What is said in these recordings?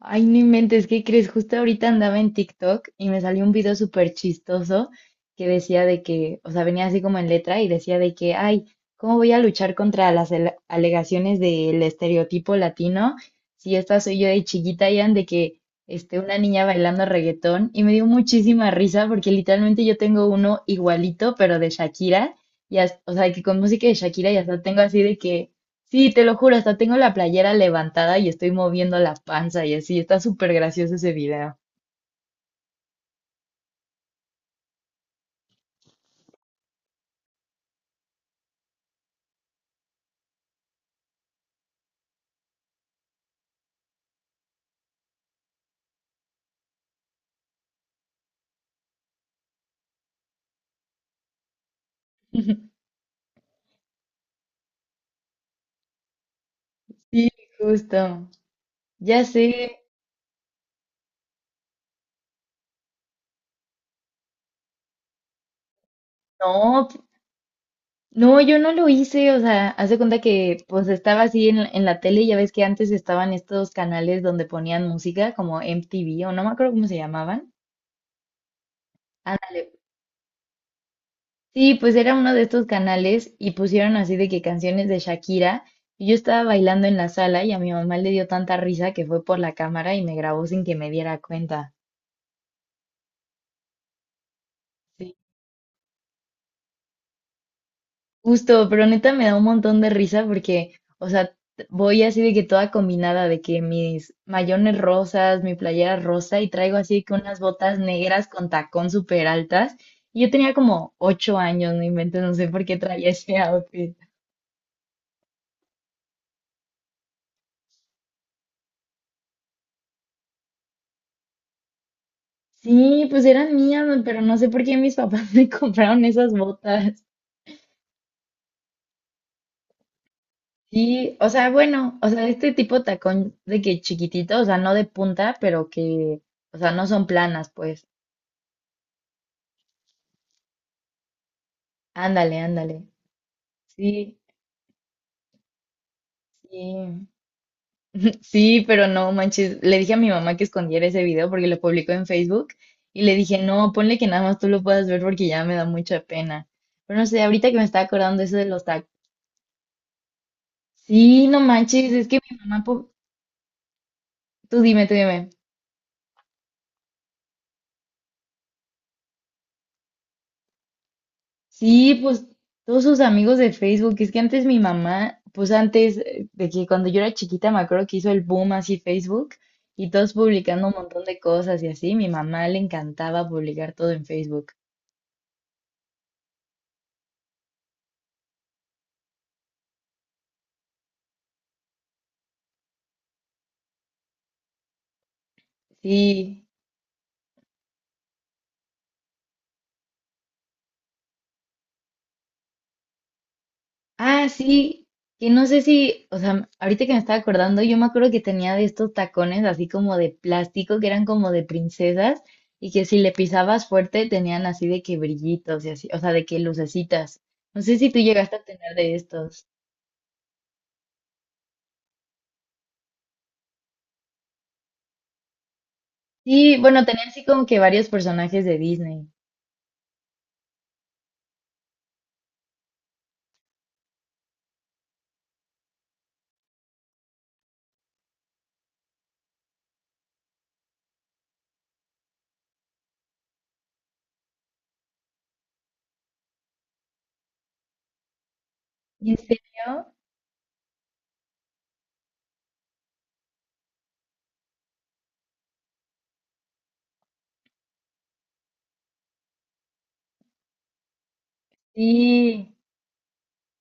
Ay, no inventes, ¿qué crees? Justo ahorita andaba en TikTok y me salió un video súper chistoso que decía de que, o sea, venía así como en letra y decía de que, ay, ¿cómo voy a luchar contra las alegaciones del estereotipo latino si esta soy yo de chiquita, Ian, de que este, una niña bailando reggaetón? Y me dio muchísima risa porque literalmente yo tengo uno igualito, pero de Shakira, y o sea, que con música de Shakira y hasta tengo así de que sí, te lo juro, hasta tengo la playera levantada y estoy moviendo la panza y así. Está súper gracioso ese video. Sí, justo. Ya sé. No, no, yo no lo hice. O sea, haz de cuenta que pues estaba así en la tele. Ya ves que antes estaban estos canales donde ponían música como MTV o no me acuerdo cómo se llamaban. Ah, sí, pues era uno de estos canales y pusieron así de que canciones de Shakira. Y yo estaba bailando en la sala y a mi mamá le dio tanta risa que fue por la cámara y me grabó sin que me diera cuenta. Sí, justo, pero neta me da un montón de risa porque, o sea, voy así de que toda combinada, de que mis mayones rosas, mi playera rosa y traigo así que unas botas negras con tacón súper altas. Y yo tenía como 8 años, no inventes, no sé por qué traía ese outfit. Sí, pues eran mías, pero no sé por qué mis papás me compraron esas botas. Sí, o sea, bueno, o sea, este tipo de tacón de que chiquitito, o sea, no de punta, pero que, o sea, no son planas, pues. Ándale, ándale. Sí, sí, sí, pero no manches. Le dije a mi mamá que escondiera ese video porque lo publicó en Facebook y le dije, no, ponle que nada más tú lo puedas ver porque ya me da mucha pena. Pero no sé, ahorita que me está acordando eso de los tacos. Sí, no manches, es que mi mamá, tú dime, tú dime. Sí, pues todos sus amigos de Facebook, es que antes mi mamá, pues antes de que cuando yo era chiquita me acuerdo que hizo el boom así Facebook y todos publicando un montón de cosas y así, mi mamá le encantaba publicar todo en Facebook. Sí. Ah, sí, que no sé si, o sea, ahorita que me estaba acordando, yo me acuerdo que tenía de estos tacones así como de plástico, que eran como de princesas, y que si le pisabas fuerte tenían así de que brillitos y así, o sea, de que lucecitas. No sé si tú llegaste a tener de estos. Sí, bueno, tenía así como que varios personajes de Disney. ¿En serio? Sí.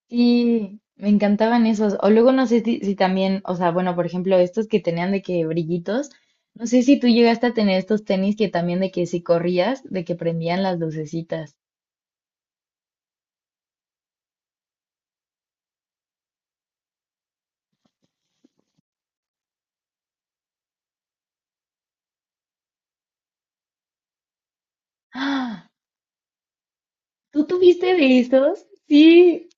Sí, me encantaban esos. O luego no sé si, si también, o sea, bueno, por ejemplo, estos que tenían de que brillitos, no sé si tú llegaste a tener estos tenis que también de que si corrías, de que prendían las lucecitas. ¡Ah! ¿Tú tuviste de estos? Sí.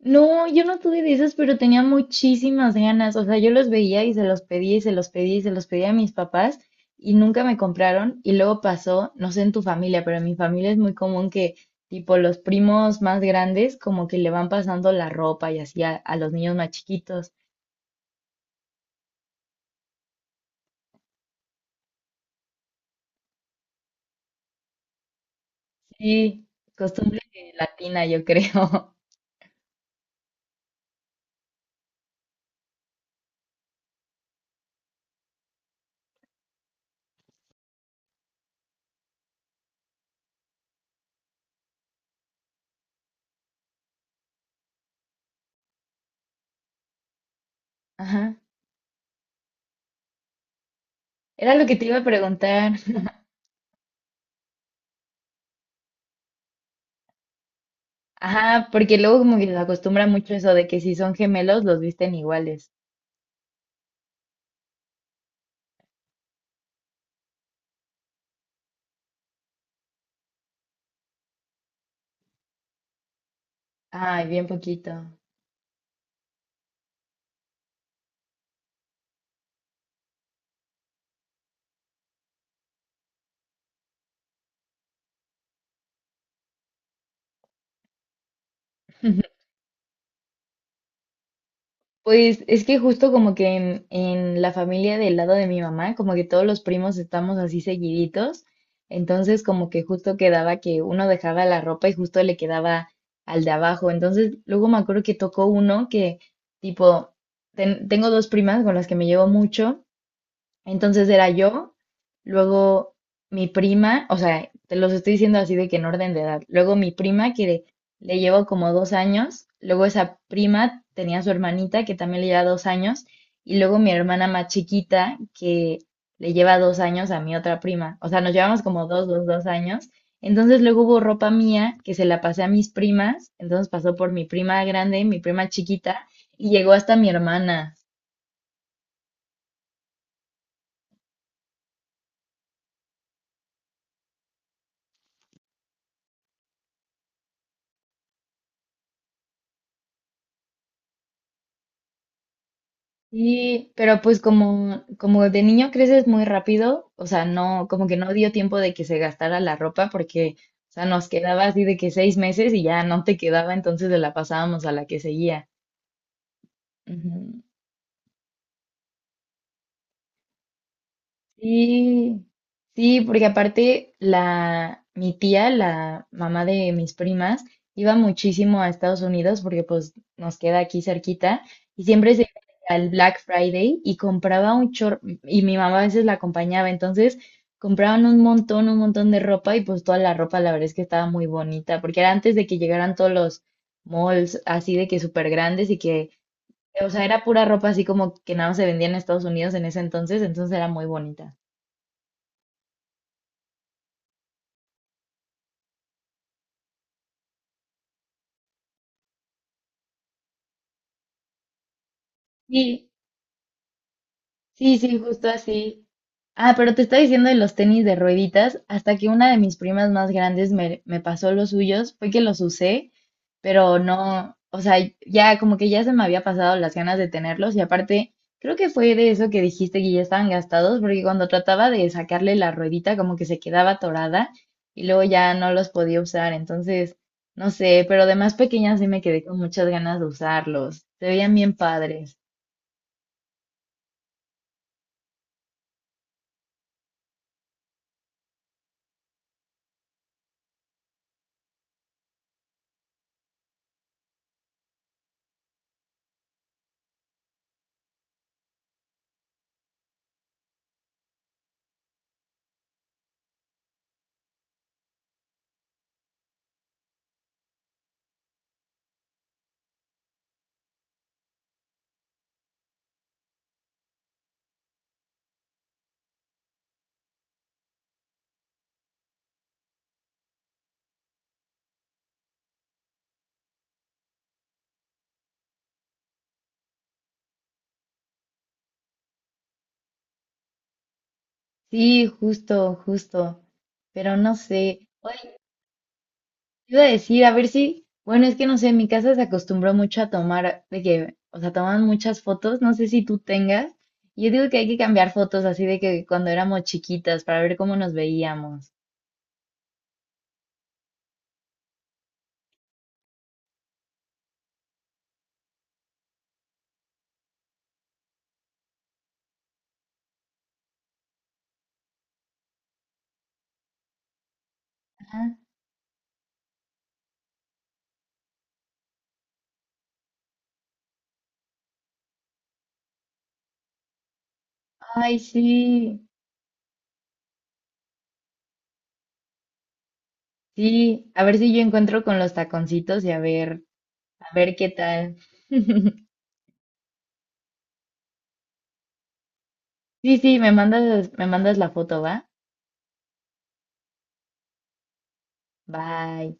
No, yo no tuve de esas, pero tenía muchísimas ganas. O sea, yo los veía y se los pedía y se los pedía y se los pedía a mis papás y nunca me compraron. Y luego pasó, no sé en tu familia, pero en mi familia es muy común que tipo los primos más grandes como que le van pasando la ropa y así a los niños más chiquitos. Sí, costumbre latina, yo creo. Ajá. Era lo que te iba a preguntar. Ajá, porque luego como que se acostumbra mucho eso de que si son gemelos los visten iguales. Ay, bien poquito. Pues es que justo como que en la familia del lado de mi mamá, como que todos los primos estamos así seguiditos, entonces como que justo quedaba que uno dejaba la ropa y justo le quedaba al de abajo, entonces luego me acuerdo que tocó uno que tipo, tengo dos primas con las que me llevo mucho, entonces era yo, luego mi prima. O sea, te los estoy diciendo así de que en orden de edad. Luego mi prima, que le llevo como 2 años, luego esa prima tenía a su hermanita, que también le lleva 2 años, y luego mi hermana más chiquita, que le lleva 2 años a mi otra prima. O sea, nos llevamos como dos, dos, dos años. Entonces luego hubo ropa mía que se la pasé a mis primas, entonces pasó por mi prima grande, mi prima chiquita, y llegó hasta mi hermana. Sí, pero pues como, como de niño creces muy rápido, o sea, no, como que no dio tiempo de que se gastara la ropa porque, o sea, nos quedaba así de que 6 meses y ya no te quedaba, entonces de la pasábamos a la que seguía. Ujú. Sí, sí, porque aparte la, mi tía, la mamá de mis primas, iba muchísimo a Estados Unidos porque pues nos queda aquí cerquita y siempre se iba al Black Friday y compraba un chorro y mi mamá a veces la acompañaba, entonces compraban un montón de ropa y pues toda la ropa la verdad es que estaba muy bonita porque era antes de que llegaran todos los malls así de que súper grandes y que, o sea, era pura ropa así como que nada más se vendía en Estados Unidos en ese entonces, entonces era muy bonita. Sí, sí, sí, justo así. Ah, pero te estaba diciendo de los tenis de rueditas, hasta que una de mis primas más grandes me pasó los suyos, fue que los usé, pero no, o sea, ya como que ya se me había pasado las ganas de tenerlos y aparte, creo que fue de eso que dijiste que ya estaban gastados, porque cuando trataba de sacarle la ruedita como que se quedaba atorada y luego ya no los podía usar, entonces, no sé, pero de más pequeña sí me quedé con muchas ganas de usarlos, se veían bien padres. Sí, justo, justo. Pero no sé. Oye, te iba a decir, a ver si. Bueno, es que no sé, en mi casa se acostumbró mucho a tomar, de que, o sea, toman muchas fotos. No sé si tú tengas. Y yo digo que hay que cambiar fotos así de que cuando éramos chiquitas para ver cómo nos veíamos. Ajá. Ay, sí. Sí, a ver si yo encuentro con los taconcitos y a ver qué tal. Sí, sí, me mandas la foto, ¿va? Bye.